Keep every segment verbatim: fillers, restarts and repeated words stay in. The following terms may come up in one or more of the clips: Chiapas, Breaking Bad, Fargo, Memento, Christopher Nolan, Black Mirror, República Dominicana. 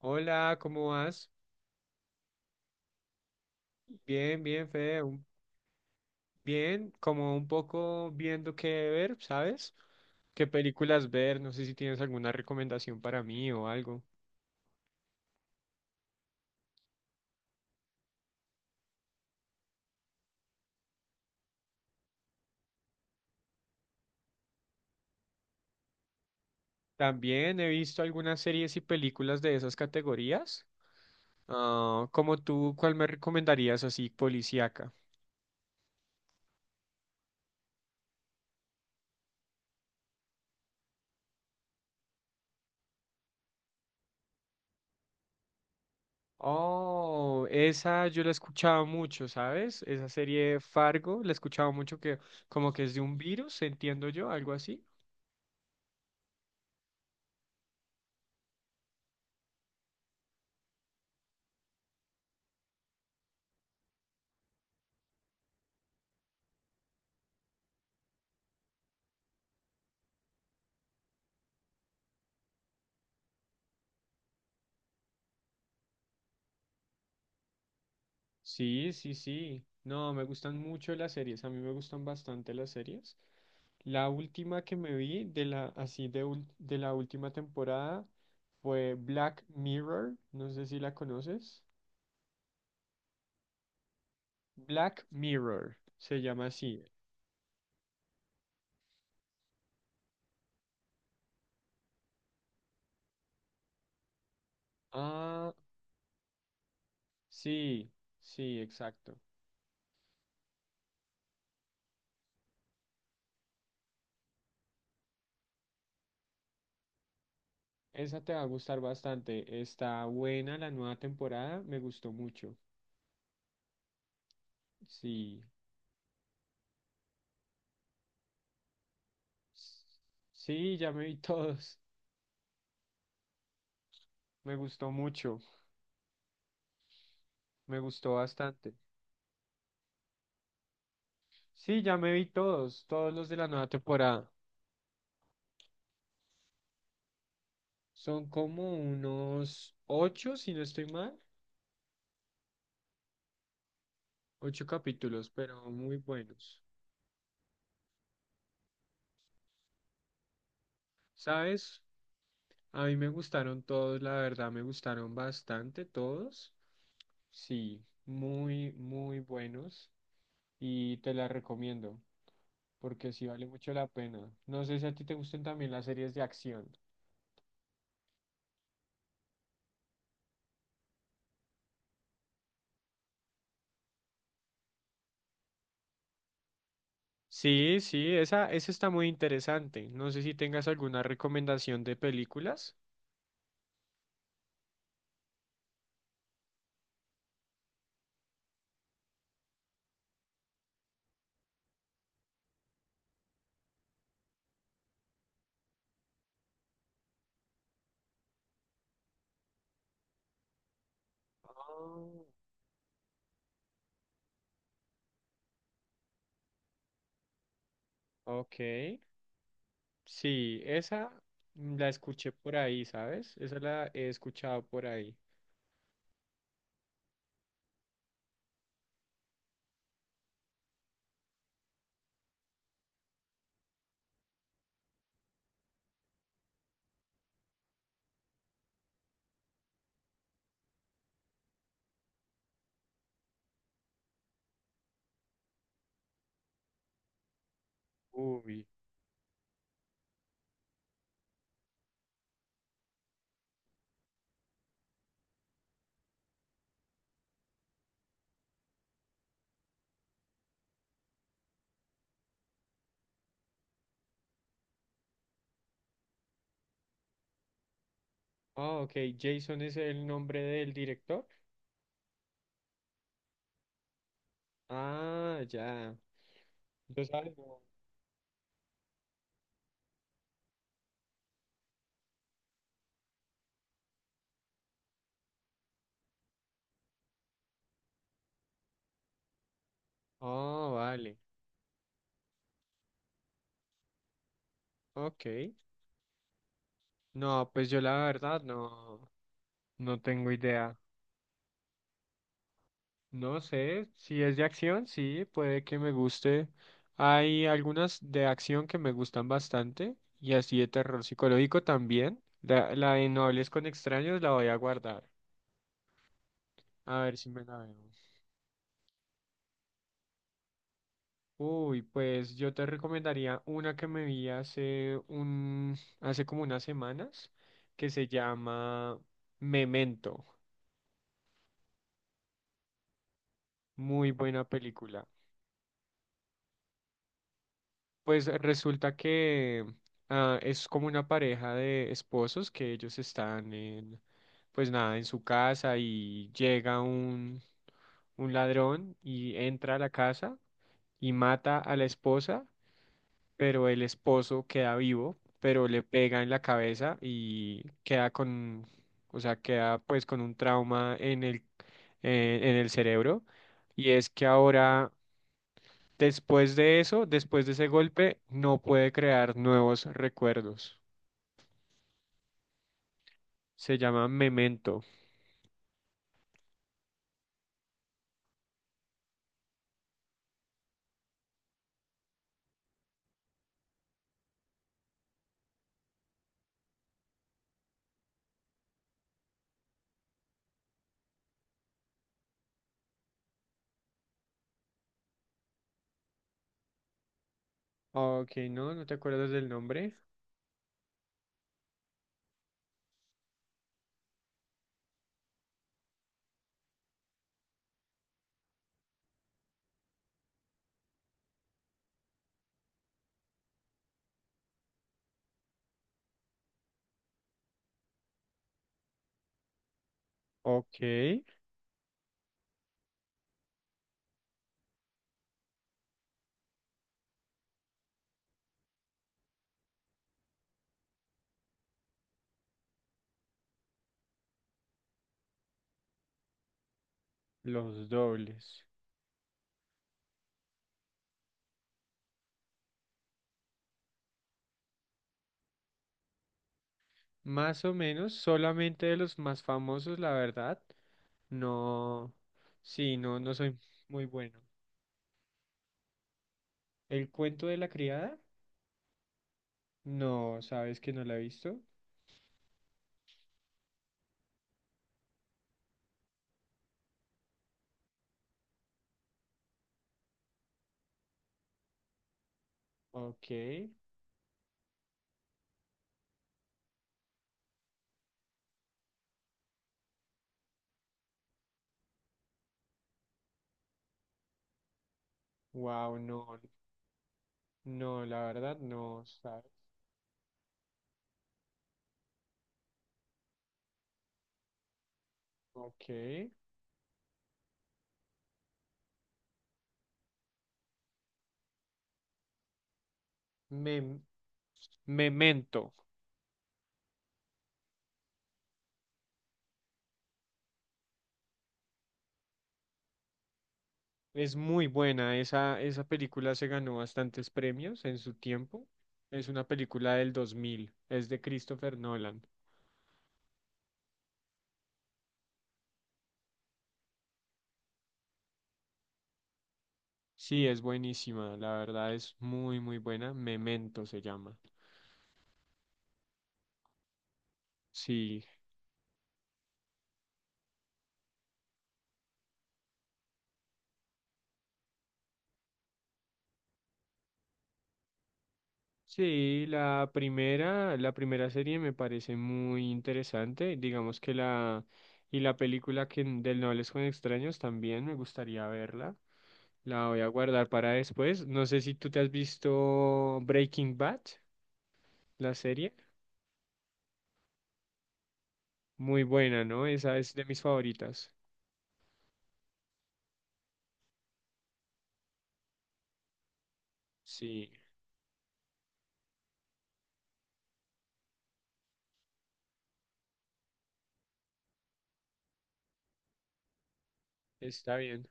Hola, ¿cómo vas? Bien, bien, Fede. un- Bien, como un poco viendo qué ver, ¿sabes? ¿Qué películas ver? No sé si tienes alguna recomendación para mí o algo. También he visto algunas series y películas de esas categorías. Ah, como tú, ¿cuál me recomendarías así, policíaca? Oh, esa yo la he escuchado mucho, ¿sabes? Esa serie Fargo, la he escuchado mucho que como que es de un virus, entiendo yo, algo así. Sí, sí, sí. No, me gustan mucho las series. A mí me gustan bastante las series. La última que me vi de la, así de, ul- de la última temporada fue Black Mirror. No sé si la conoces. Black Mirror se llama así. Ah, sí, sí, exacto. Esa te va a gustar bastante. Está buena la nueva temporada. Me gustó mucho. Sí. Sí, ya me vi todos. Me gustó mucho. Me gustó bastante. Sí, ya me vi todos, todos los de la nueva temporada. Son como unos ocho, si no estoy mal, ocho capítulos, pero muy buenos. ¿Sabes? A mí me gustaron todos, la verdad, me gustaron bastante todos. Sí, muy, muy buenos y te la recomiendo porque sí vale mucho la pena. No sé si a ti te gusten también las series de acción. Sí, sí, esa, esa está muy interesante. No sé si tengas alguna recomendación de películas. Ah, ok, sí, esa la escuché por ahí, ¿sabes? Esa la he escuchado por ahí. Ubi. Ah, ok, Jason es el nombre del director. Ah, ya. Yo sabes, no. Ah, vale. Ok. No, pues yo la verdad no, no tengo idea. No sé, si es de acción, sí, puede que me guste. Hay algunas de acción que me gustan bastante y así de terror psicológico también. La, la de No hables con extraños la voy a guardar. A ver si me la veo. Uy, pues yo te recomendaría una que me vi hace un, hace como unas semanas, que se llama Memento. Muy buena película. Pues resulta que ah, es como una pareja de esposos que ellos están en, pues nada, en su casa y llega un, un ladrón y entra a la casa y mata a la esposa, pero el esposo queda vivo, pero le pega en la cabeza y queda con, o sea, queda pues con un trauma en el, eh, en el cerebro. Y es que ahora Después de eso, después de ese golpe, no puede crear nuevos recuerdos. Se llama memento. Ok, no, no te acuerdas del nombre. Ok, los dobles. Más o menos, solamente de los más famosos, la verdad. No, sí, no, no soy muy bueno. ¿El cuento de la criada? No, ¿sabes que no la he visto? Ok, wow, no, no, la verdad no, ¿sabes? Ok. Me, Memento. Es muy buena. Esa, esa película se ganó bastantes premios en su tiempo. Es una película del dos mil. Es de Christopher Nolan. Sí, es buenísima. La verdad es muy, muy buena. Memento se llama. Sí. Sí, la primera, la primera serie me parece muy interesante. Digamos que la, y la película que, del No hables con extraños también me gustaría verla. La voy a guardar para después. No sé si tú te has visto Breaking Bad, la serie. Muy buena, ¿no? Esa es de mis favoritas. Sí, está bien.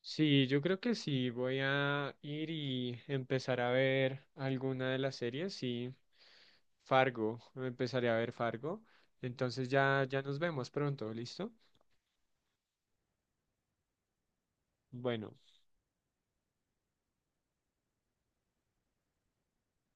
Sí, yo creo que sí. Voy a ir y empezar a ver alguna de las series. Sí, Fargo. Empezaré a ver Fargo. Entonces ya, ya nos vemos pronto, ¿listo? Bueno.